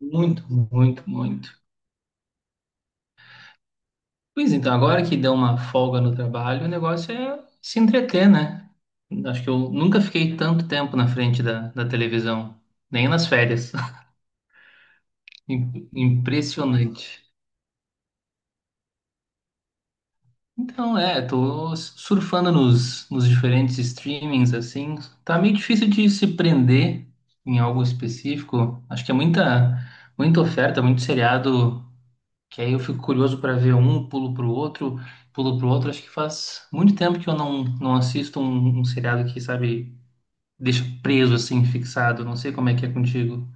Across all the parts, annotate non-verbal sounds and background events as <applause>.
Muito, muito, muito. Pois então, agora que deu uma folga no trabalho, o negócio é se entreter, né? Acho que eu nunca fiquei tanto tempo na frente da televisão, nem nas férias. <laughs> Impressionante. Tô surfando nos diferentes streamings, assim. Tá meio difícil de se prender em algo específico. Acho que é muita oferta, muito seriado. Que aí eu fico curioso para ver um, pulo pro outro, pulo pro outro. Acho que faz muito tempo que eu não assisto um seriado que, sabe, deixa preso assim, fixado. Não sei como é que é contigo.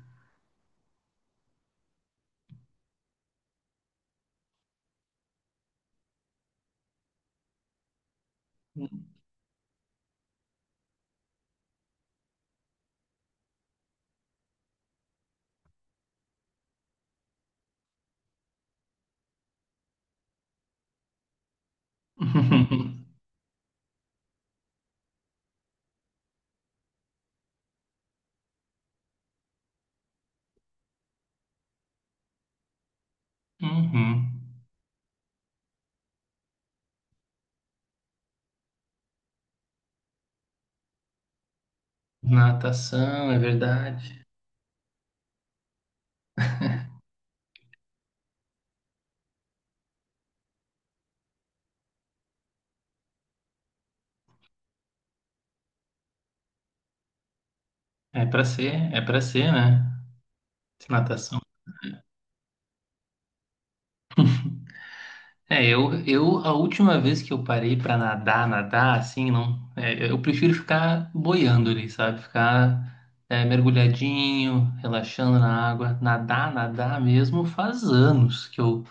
<laughs> Uhum. Natação, é verdade. É para ser, né? Natação. Eu a última vez que eu parei pra nadar, nadar, assim, não, é, eu prefiro ficar boiando ali, sabe? Ficar mergulhadinho, relaxando na água. Nadar, nadar mesmo, faz anos que eu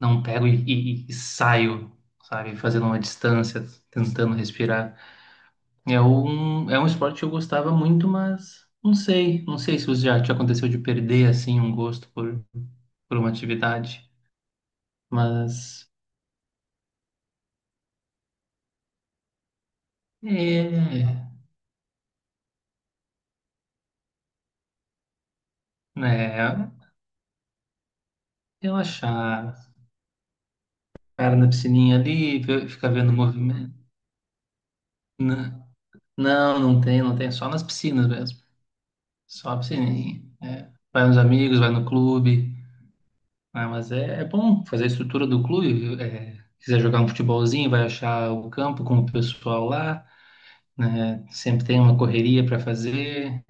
não pego e saio, sabe? Fazendo uma distância, tentando respirar. É um esporte que eu gostava muito, mas não sei, não sei se já te aconteceu de perder, assim, um gosto por uma atividade, mas... É, é, relaxar. Cara, na piscininha ali, ficar vendo o movimento. N- Não, não tem, não tem. Só nas piscinas mesmo. Só a piscininha. É. Vai nos amigos, vai no clube. Ah, mas é, é bom fazer a estrutura do clube, viu? É, quiser jogar um futebolzinho, vai achar o campo com o pessoal lá, né? Sempre tem uma correria para fazer.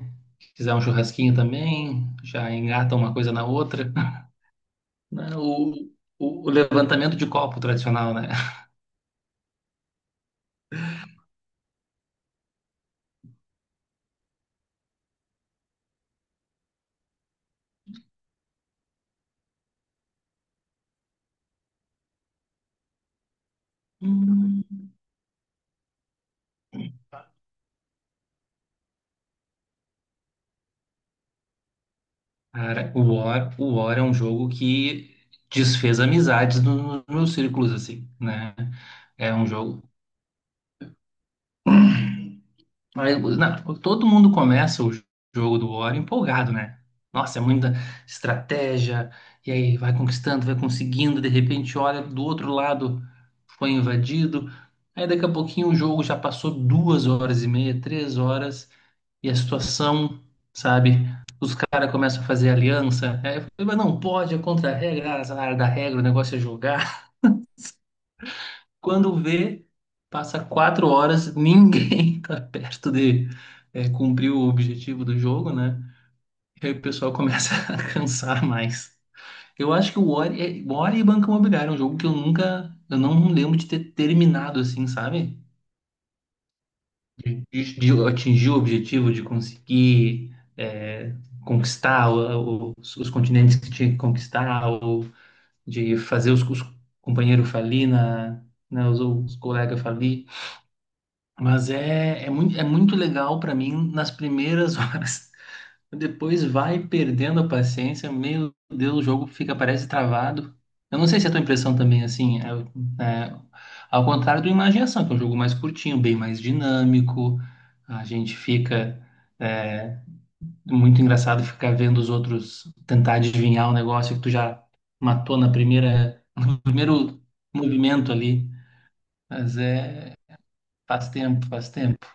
Quiser um churrasquinho também, já engata uma coisa na outra. <laughs> Não, O levantamento de copo tradicional, né? <laughs> Cara, o War é um jogo que desfez amizades nos meus círculos, assim, né? É um jogo. Mas, não, todo mundo começa o jogo do War empolgado, né? Nossa, é muita estratégia, e aí vai conquistando, vai conseguindo, de repente, olha, do outro lado foi invadido. Aí daqui a pouquinho o jogo já passou duas horas e meia, três horas. E a situação, sabe? Os caras começam a fazer aliança. Aí eu falei, mas não pode, é contra a regra, ah, azar da regra, o negócio é jogar. <laughs> Quando vê, passa quatro horas, ninguém <laughs> tá perto de cumprir o objetivo do jogo, né? E aí o pessoal começa <laughs> a cansar mais. Eu acho que o Ori, é, o Ori e Banco Imobiliário é um jogo que eu nunca, eu não lembro de ter terminado assim, sabe? De atingir o objetivo de conseguir conquistar os continentes que tinha que conquistar, ou de fazer os companheiros falir, na, né, os colegas falir. Mas é, é muito legal para mim nas primeiras <laughs> horas. Depois vai perdendo a paciência, meu Deus, o jogo fica, parece travado. Eu não sei se é a tua impressão também, assim, é, é, ao contrário do Imaginação, que é um jogo mais curtinho, bem mais dinâmico. A gente fica, é, muito engraçado ficar vendo os outros tentar adivinhar um negócio que tu já matou na primeira, <laughs> no primeiro movimento ali, mas é, faz tempo, faz tempo.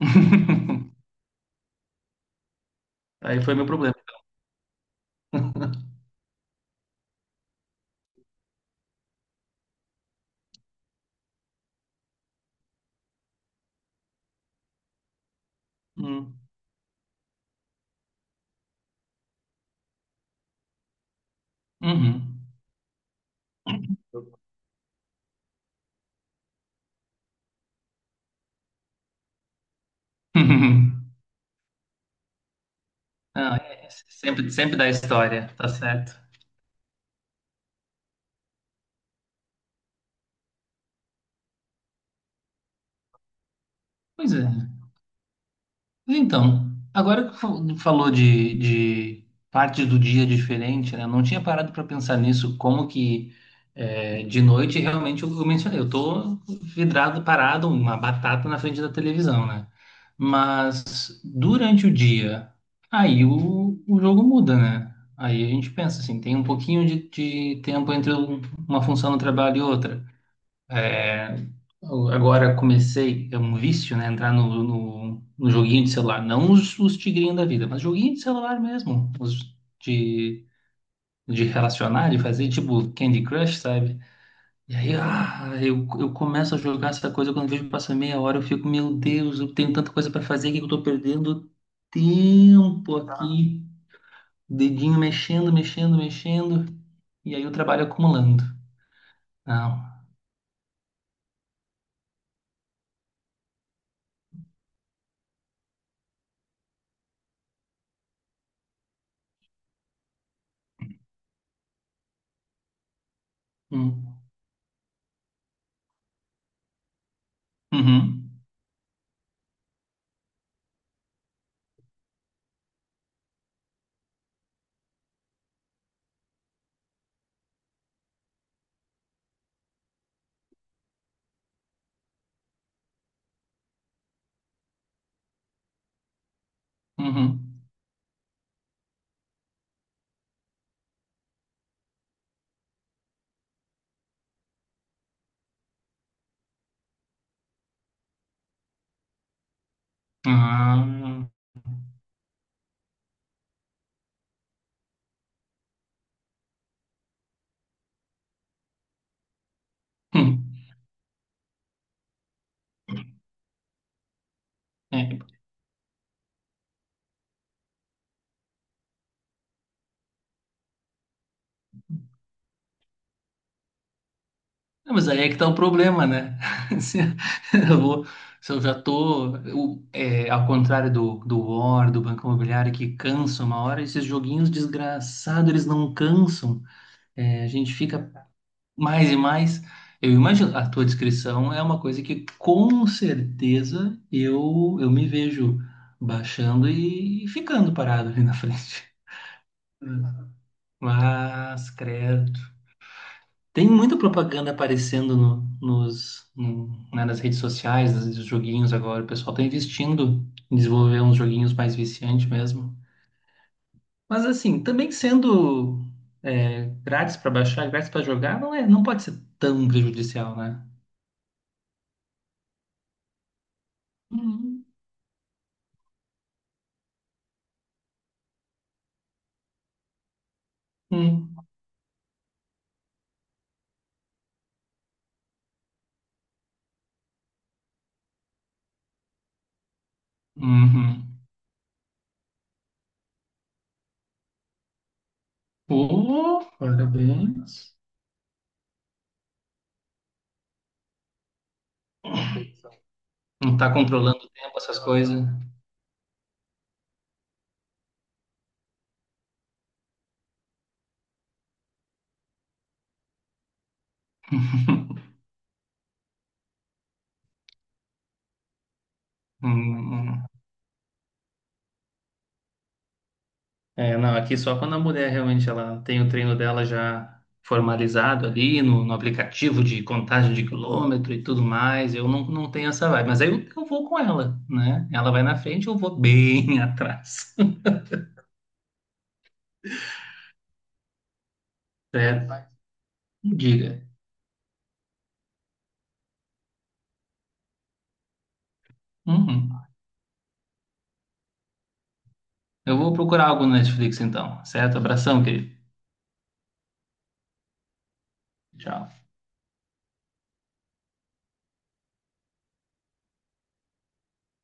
<laughs> Aí foi meu problema. <laughs> Hum. Uhum. <laughs> Não, é, é sempre, sempre dá história, tá certo. Pois é. Mas então, agora que falou de partes do dia diferente, né? Eu não tinha parado para pensar nisso, como que é, de noite realmente eu mencionei, eu tô vidrado, parado, uma batata na frente da televisão, né? Mas durante o dia, aí o jogo muda, né? Aí a gente pensa assim, tem um pouquinho de tempo entre uma função no trabalho e outra. É, eu agora comecei, é um vício, né? Entrar no joguinho de celular. Não os tigrinhos da vida, mas joguinho de celular mesmo. Os de, de relacionar, de fazer tipo Candy Crush, sabe? E aí, ah, eu começo a jogar essa coisa. Quando vejo que passa meia hora, eu fico, meu Deus, eu tenho tanta coisa pra fazer aqui que eu tô perdendo tempo aqui. Dedinho mexendo, mexendo, mexendo. E aí o trabalho acumulando. Não. Hum. Uhum. Uhum. Ah, hum, é. Não, mas aí é que tá o problema, né? <laughs> Se eu vou, se eu já tô, ao contrário do War, do Banco Imobiliário, que cansa uma hora, esses joguinhos desgraçados, eles não cansam. É, a gente fica mais e mais. Eu imagino, a tua descrição é uma coisa que com certeza eu me vejo baixando e ficando parado ali na frente. Mas, credo. Tem muita propaganda aparecendo no- nos, no- né, nas redes sociais, nos joguinhos agora. O pessoal está investindo em desenvolver uns joguinhos mais viciantes mesmo. Mas assim, também sendo é, grátis para baixar, grátis para jogar, não é, não pode ser tão prejudicial, né? Uhum. Hum. Uhum. Oh, parabéns. Não tá controlando o tempo, essas coisas. Hum, hum. É, não, aqui só quando a mulher realmente ela tem o treino dela já formalizado ali no aplicativo de contagem de quilômetro e tudo mais, eu não tenho essa vibe. Mas aí eu vou com ela, né? Ela vai na frente, eu vou bem <laughs> atrás. Certo? Diga. Uhum. Eu vou procurar algo no Netflix então, certo? Abração, querido. Tchau.